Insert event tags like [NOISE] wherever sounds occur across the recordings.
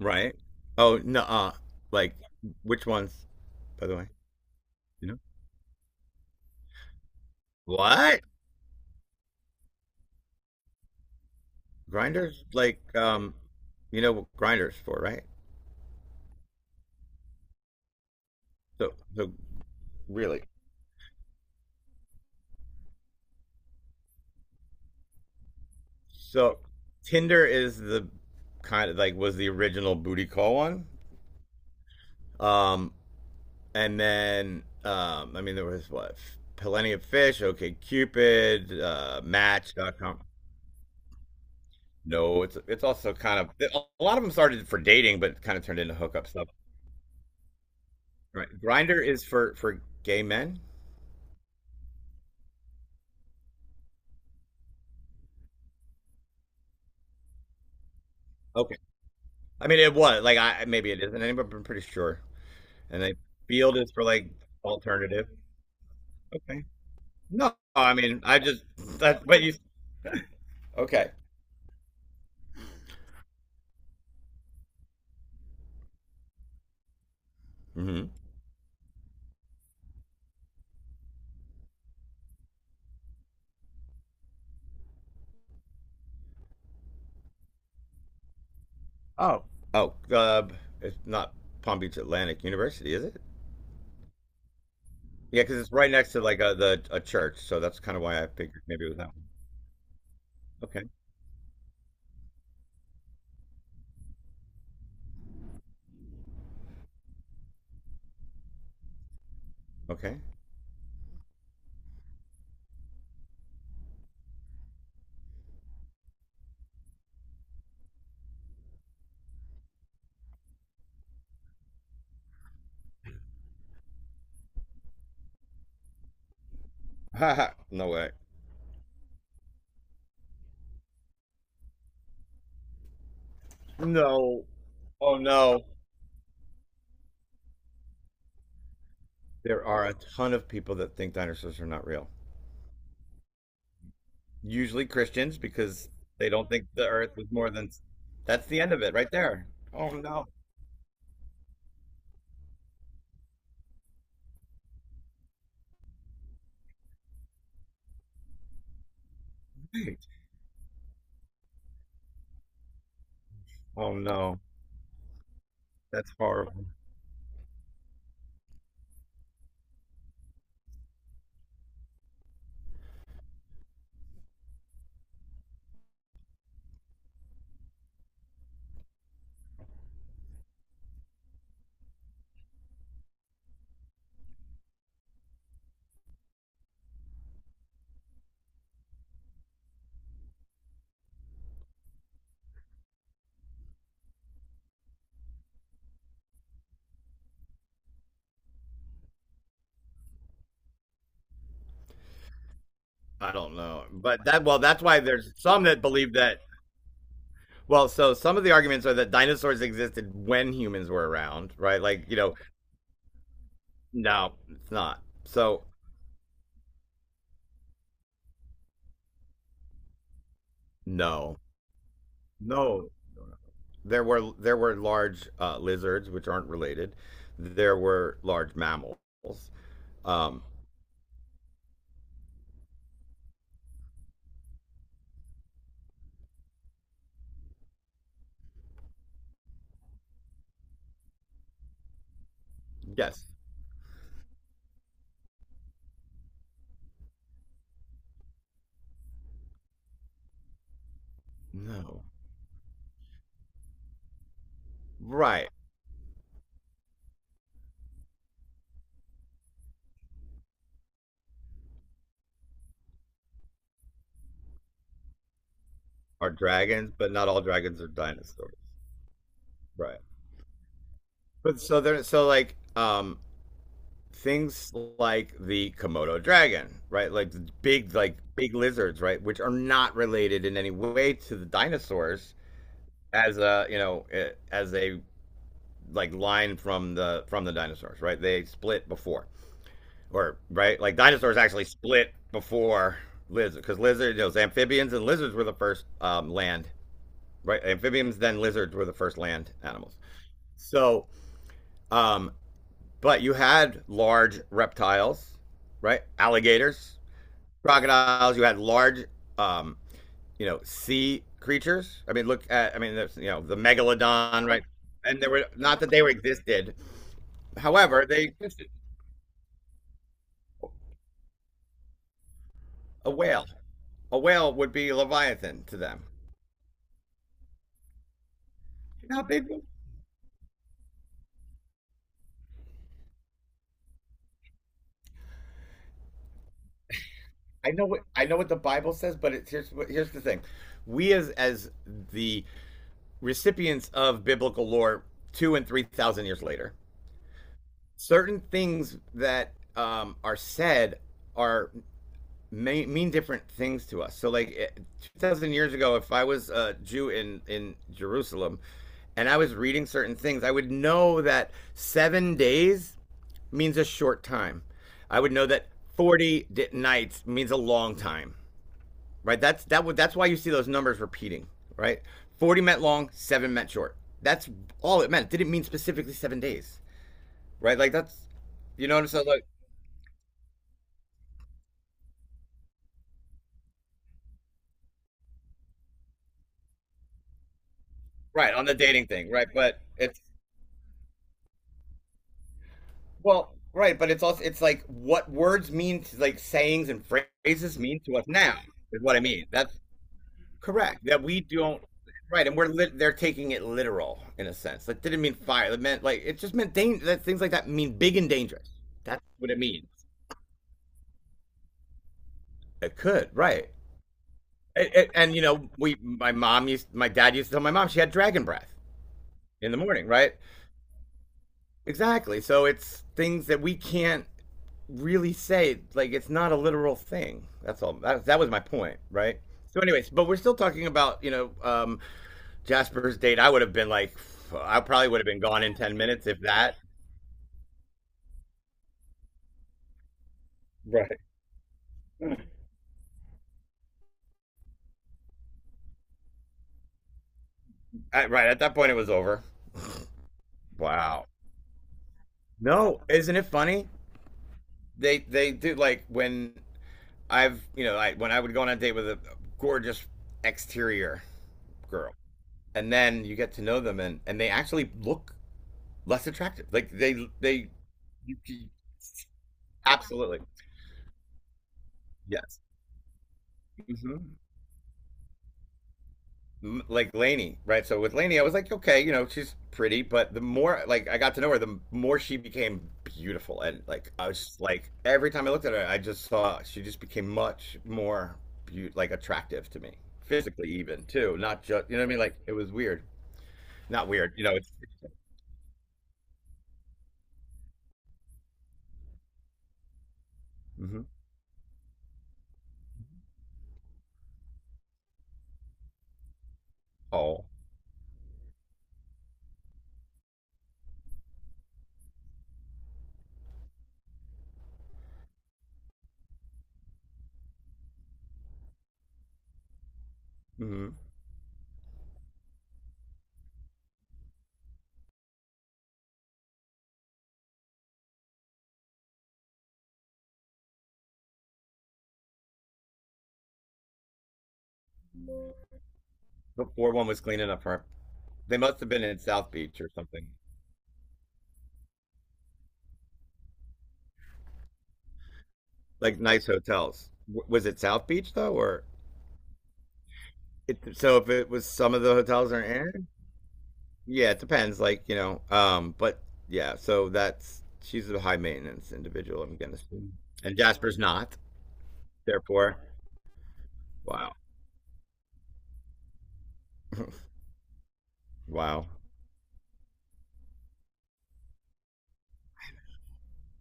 Right. Oh no. Like which ones? By the way, you know what? Grinders like. You know what grinders for, right? So, really. So Tinder is the kind of like was the original booty call one. Um, and then I mean there was what Plenty of Fish. Okay Cupid, Match.com. No, it's also kind of a lot of them started for dating, but kind of turned into hookup stuff. Right. Grinder is for gay men. Okay. I mean, it was like I maybe it isn't anymore, but I'm pretty sure. And then Field is for like alternative. Okay. No, I mean I just that. But you. [LAUGHS] Okay. Mm-hmm. Oh, Oh, it's not Palm Beach Atlantic University, is it? Yeah, because it's right next to like a church, so that's kind of why I figured maybe it was that one. Okay. Okay. Haha. [LAUGHS] No way. No. Oh no. There are a ton of people that think dinosaurs are not real. Usually Christians because they don't think the earth was more than that's the end of it right there. Oh no. Oh no. That's horrible. I don't know. But that well that's why there's some that believe that well, so some of the arguments are that dinosaurs existed when humans were around, right? Like, you know, no, it's not. So, no. No. there were large lizards which aren't related. There were large mammals. Um, yes. No. Right. Are dragons, but not all dragons are dinosaurs. Right. But so they're so like things like the Komodo dragon, right? Like big lizards, right, which are not related in any way to the dinosaurs as a, you know, as a like line from the dinosaurs, right? They split before. Or right? Like dinosaurs actually split before lizard cuz lizards you know, amphibians and lizards were the first land, right? Amphibians then lizards were the first land animals. So Um, but you had large reptiles, right? Alligators, crocodiles. You had large, um, you know, sea creatures. I mean, look at, I mean, there's, you know, the megalodon, right? And there were not that they were existed. However, they a whale. A whale would be Leviathan to them. You know how big? I know what the Bible says, but it's here's the thing. We as the recipients of biblical lore two and three thousand years later certain things that are said are may, mean different things to us. So, like 2,000 years ago, if I was a Jew in Jerusalem, and I was reading certain things, I would know that 7 days means a short time. I would know that 40 nights means a long time, right? That's that would that's why you see those numbers repeating, right? 40 meant long, seven meant short. That's all it meant. It didn't mean specifically 7 days, right? Like that's you know what I'm saying? Like right on the dating thing, right? But it's well, right, but it's also it's like what words mean, to, like sayings and phrases mean to us now is what I mean. That's correct. That we don't right, and they're taking it literal in a sense. That didn't mean fire. It meant like it just meant danger. That things like that mean big and dangerous. That's what it means. It could right. And you know, we my mom used my dad used to tell my mom she had dragon breath in the morning, right? Exactly. So it's things that we can't really say like it's not a literal thing. That's all. That was my point, right? So, anyways, but we're still talking about Jasper's date. I would have been like, I probably would have been gone in 10 minutes if that. Right at that point, it was over. Wow. No, isn't it funny? They do like when I've you know I, when I would go on a date with a gorgeous exterior girl, and then you get to know them and they actually look less attractive. Like they you, you- absolutely yes. Mm-hmm. Like Lainey, right? So with Lainey, I was like, okay, you know, she's pretty, but the more like I got to know her, the more she became beautiful, and like I was just, like every time I looked at her, I just saw she just became much more like attractive to me, physically even too, not just you know what I mean. Like it was weird, not weird, you know. It's mm-hmm. Oh, mm-hmm. Before one was cleaning up her, they must have been in South Beach or something, like nice hotels. Was it South Beach though, or it, so if it was some of the hotels are in? Yeah, it depends. Like you know, but yeah. So that's she's a high maintenance individual. I'm gonna assume, and Jasper's not. Therefore, wow, [LAUGHS] wow,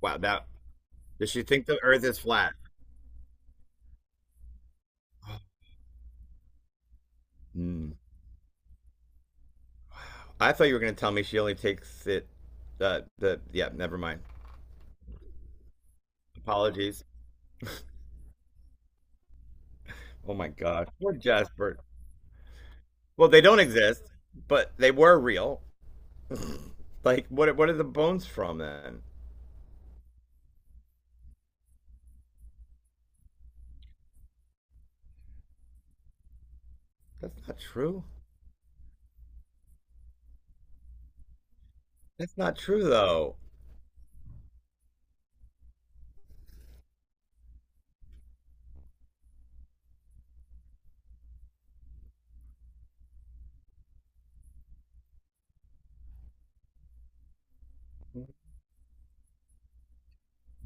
wow. That Does she think the Earth is flat? Hmm. I thought you were gonna tell me she only takes it. The yeah, never mind. Apologies. Oh my God, poor Jasper. Well, they don't exist, but they were real. [LAUGHS] [CLEARS THROAT] Like, what? What are the bones from then? That's not true. That's not true though.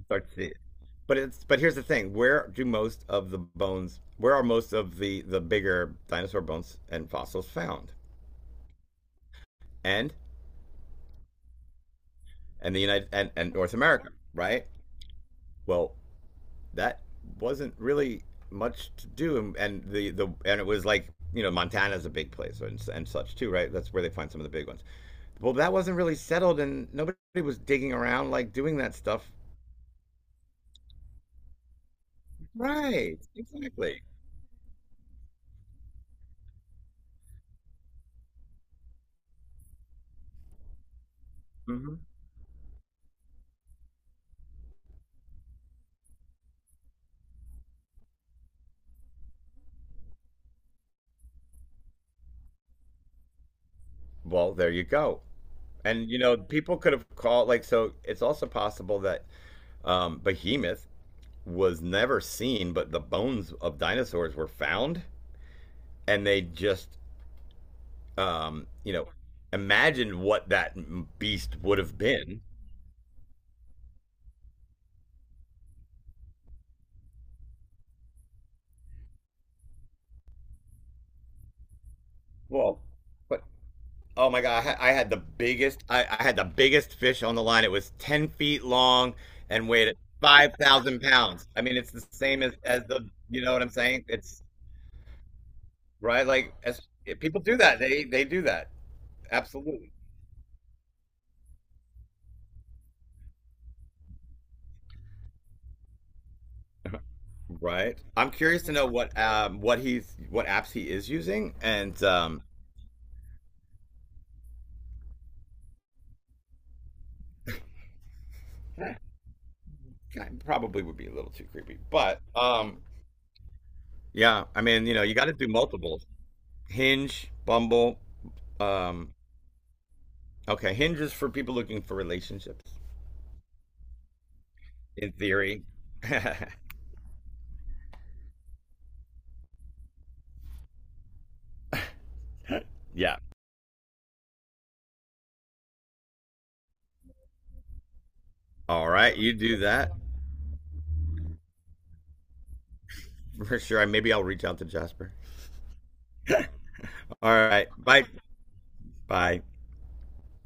Start to see it. But it's but here's the thing: where do most of the bones? Where are most of the bigger dinosaur bones and fossils found? And and the United and North America, right? Well, that wasn't really much to do, and the and it was like you know Montana's a big place and such too, right? That's where they find some of the big ones. Well, that wasn't really settled, and nobody was digging around like doing that stuff, right? Exactly. Hmm. Well, there you go. And you know, people could have called like so. It's also possible that Behemoth was never seen, but the bones of dinosaurs were found, and they just um, you know imagined what that beast would have been. Well, but oh my God, I had the biggest fish on the line. It was 10 feet long and weighed 5,000 pounds. I mean, it's the same as the. You know what I'm saying? It's right. Like as people do that, they do that. Absolutely. Right. I'm curious to know what apps he is using, and eh, probably would be a little too creepy, but yeah, I mean you know you got to do multiples. Hinge, Bumble, um okay, Hinge is for people looking for relationships in theory. [LAUGHS] Yeah. All right, you do that for sure. Maybe I'll reach out to Jasper. All right, bye, bye.